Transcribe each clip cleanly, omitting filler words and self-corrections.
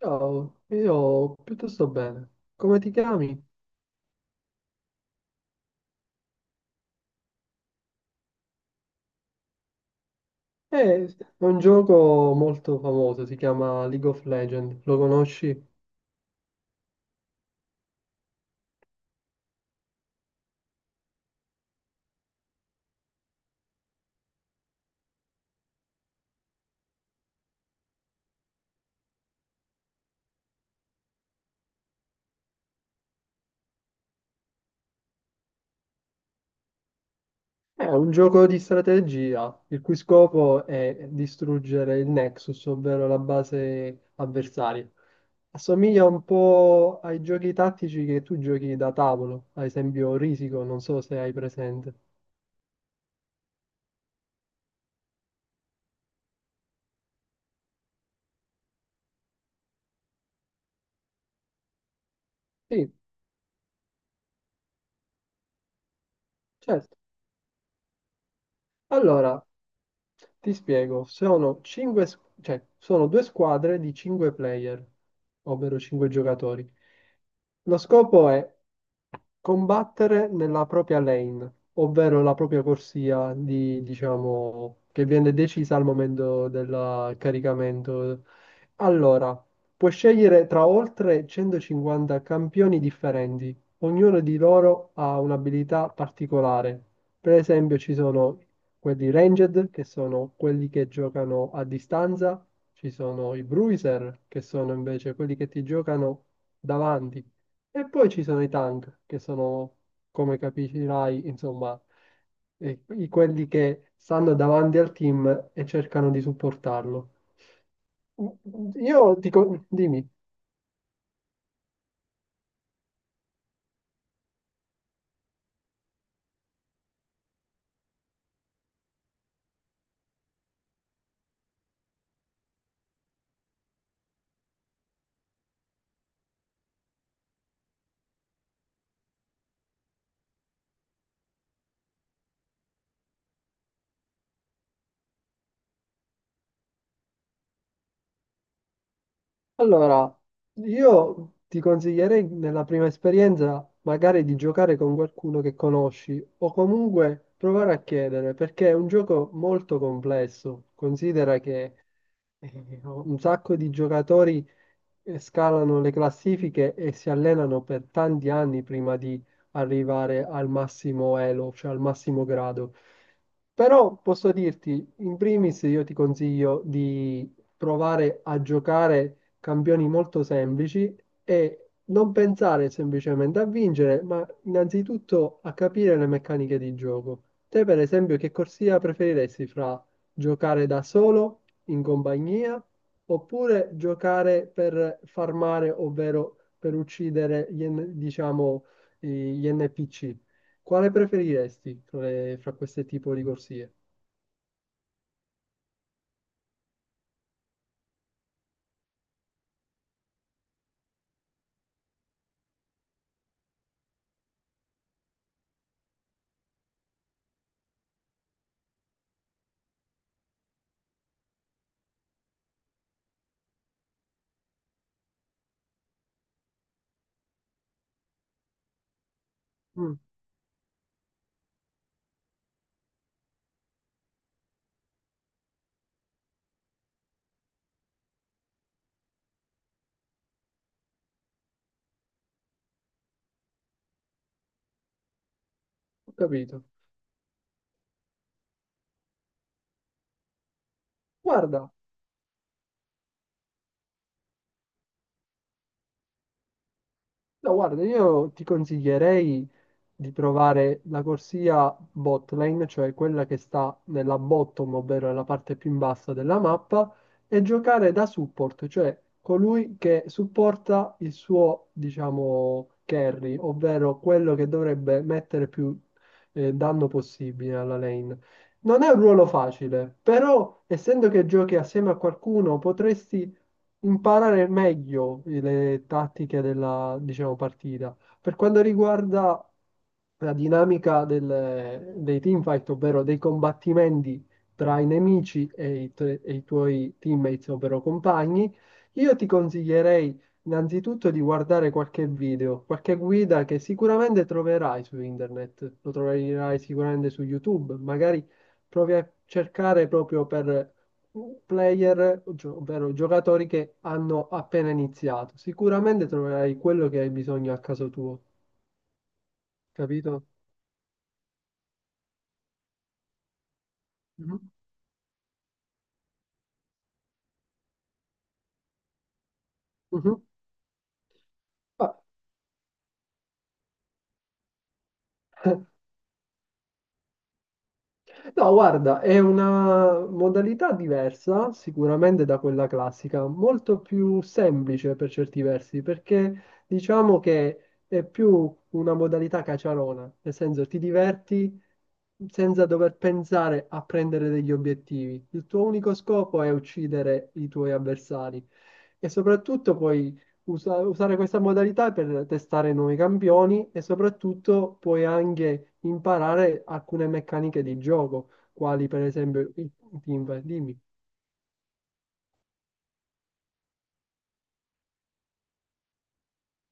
Ciao, io piuttosto bene. Come ti chiami? Eh, È un gioco molto famoso, si chiama League of Legends, lo conosci? È un gioco di strategia, il cui scopo è distruggere il Nexus, ovvero la base avversaria. Assomiglia un po' ai giochi tattici che tu giochi da tavolo, ad esempio Risico, non so se hai presente. Sì, certo. Allora, ti spiego, cioè, sono due squadre di 5 player, ovvero 5 giocatori. Lo scopo è combattere nella propria lane, ovvero la propria corsia di, diciamo, che viene decisa al momento del caricamento. Allora, puoi scegliere tra oltre 150 campioni differenti, ognuno di loro ha un'abilità particolare. Per esempio, ci sono quelli ranged, che sono quelli che giocano a distanza, ci sono i bruiser, che sono invece quelli che ti giocano davanti, e poi ci sono i tank, che sono, come capirai, insomma, quelli che stanno davanti al team e cercano di supportarlo. Io dico, dimmi. Allora, io ti consiglierei nella prima esperienza magari di giocare con qualcuno che conosci o comunque provare a chiedere, perché è un gioco molto complesso. Considera che un sacco di giocatori scalano le classifiche e si allenano per tanti anni prima di arrivare al massimo elo, cioè al massimo grado. Però posso dirti, in primis io ti consiglio provare a giocare campioni molto semplici e non pensare semplicemente a vincere, ma innanzitutto a capire le meccaniche di gioco. Te, per esempio, che corsia preferiresti fra giocare da solo, in compagnia, oppure giocare per farmare, ovvero per uccidere diciamo, gli NPC? Quale preferiresti fra questi tipi di corsie? Mm, ho capito. Guarda, no, guarda, io ti consiglierei, di trovare la corsia bot lane, cioè quella che sta nella bottom, ovvero nella parte più in basso della mappa, e giocare da support, cioè colui che supporta il suo, diciamo, carry, ovvero quello che dovrebbe mettere più danno possibile alla lane. Non è un ruolo facile, però essendo che giochi assieme a qualcuno potresti imparare meglio le tattiche della, diciamo, partita. Per quanto riguarda la dinamica dei teamfight, ovvero dei combattimenti tra i nemici e e i tuoi teammates, ovvero compagni, io ti consiglierei innanzitutto di guardare qualche video, qualche guida che sicuramente troverai su internet, lo troverai sicuramente su YouTube, magari provi a cercare proprio per ovvero giocatori che hanno appena iniziato. Sicuramente troverai quello che hai bisogno a caso tuo, capito? Mhm. Mhm. Ah, no, guarda, è una modalità diversa sicuramente da quella classica, molto più semplice per certi versi, perché diciamo che è più una modalità caciarona, nel senso ti diverti senza dover pensare a prendere degli obiettivi. Il tuo unico scopo è uccidere i tuoi avversari e soprattutto poi usare questa modalità per testare nuovi campioni e soprattutto puoi anche imparare alcune meccaniche di gioco, quali per esempio il team, dimmi.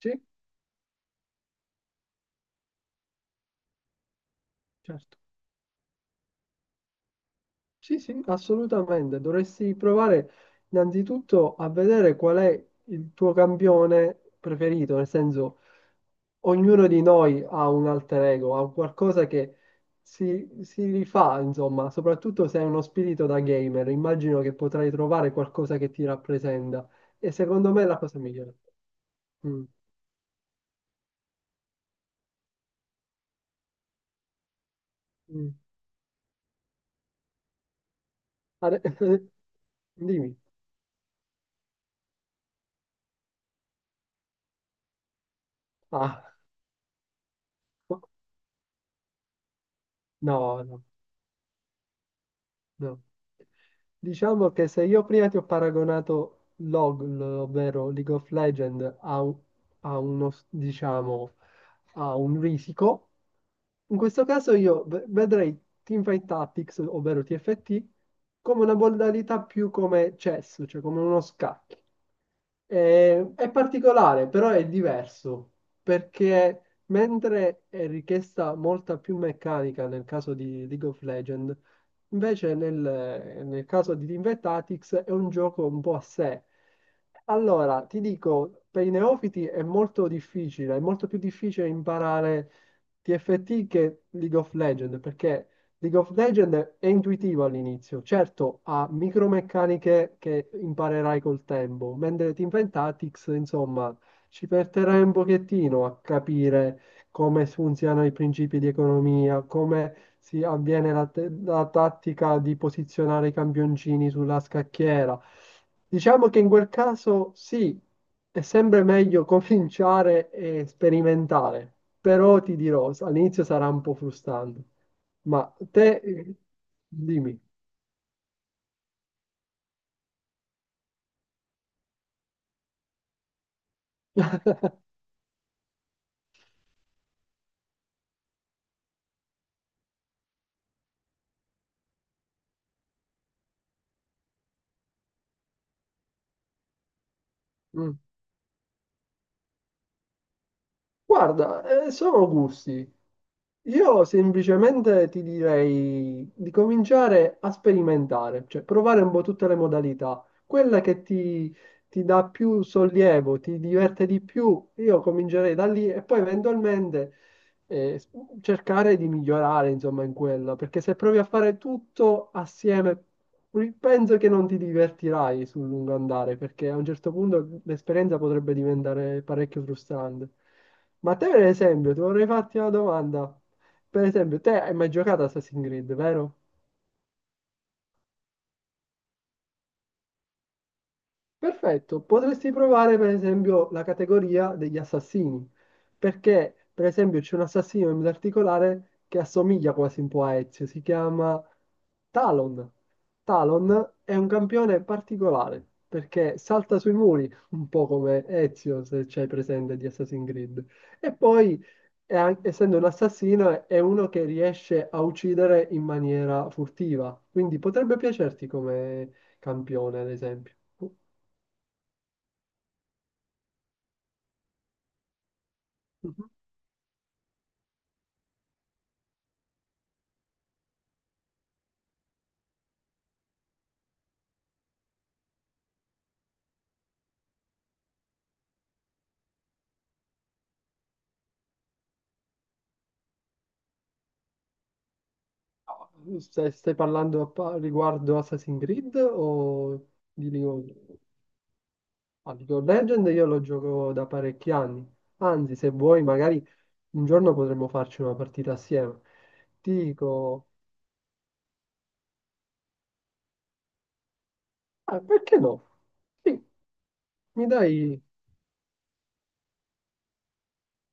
Sì, certo. Sì, sì, assolutamente. Dovresti provare innanzitutto a vedere qual è il tuo campione preferito, nel senso ognuno di noi ha un alter ego, ha un qualcosa che si rifà, insomma, soprattutto se hai uno spirito da gamer, immagino che potrai trovare qualcosa che ti rappresenta e secondo me è la cosa migliore. Mm, mm. Ade- Dimmi. Ah, no, no. No. Diciamo che se io prima ti ho paragonato LOL, ovvero League of Legends, a, a uno, diciamo, a un risico, in questo caso io vedrei Teamfight Tactics, ovvero TFT, come una modalità più come chess, cioè come uno scacchi. È particolare, però è diverso, perché mentre è richiesta molta più meccanica nel caso di League of Legends, invece nel caso di Teamvet Tactics è un gioco un po' a sé. Allora, ti dico, per i neofiti è molto difficile, è molto più difficile imparare TFT che League of Legends, perché League of Legends è intuitivo all'inizio, certo ha micromeccaniche che imparerai col tempo, mentre Teamvet Tactics, insomma, ci perderai un pochettino a capire come funzionano i principi di economia, come si avviene la tattica di posizionare i campioncini sulla scacchiera. Diciamo che in quel caso sì, è sempre meglio cominciare e sperimentare, però ti dirò, all'inizio sarà un po' frustrante, ma te dimmi. Mm. Guarda, sono gusti. Io semplicemente ti direi di cominciare a sperimentare, cioè provare un po' tutte le modalità. Ti dà più sollievo, ti diverte di più, io comincerei da lì e poi eventualmente eh, s- cercare di migliorare, insomma, in quella, perché se provi a fare tutto assieme, penso che non ti divertirai sul lungo andare, perché a un certo punto l'esperienza potrebbe diventare parecchio frustrante. Ma a te, per esempio, ti vorrei farti una domanda. Per esempio, te hai mai giocato a Assassin's Creed, vero? Perfetto, potresti provare per esempio la categoria degli assassini, perché per esempio c'è un assassino in particolare che assomiglia quasi un po' a Ezio, si chiama Talon. Talon è un campione particolare, perché salta sui muri, un po' come Ezio, se c'hai presente di Assassin's Creed. E poi, è essendo un assassino, è uno che riesce a uccidere in maniera furtiva, quindi potrebbe piacerti come campione, ad esempio. Mhm. No, Stai parlando riguardo Assassin's Creed o di ah, League of Legends? Io lo gioco da parecchi anni. Anzi, se vuoi, magari un giorno potremmo farci una partita assieme. Ti dico, ah, perché no? Sì, mi dai?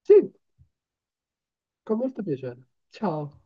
Sì, con molto piacere. Ciao.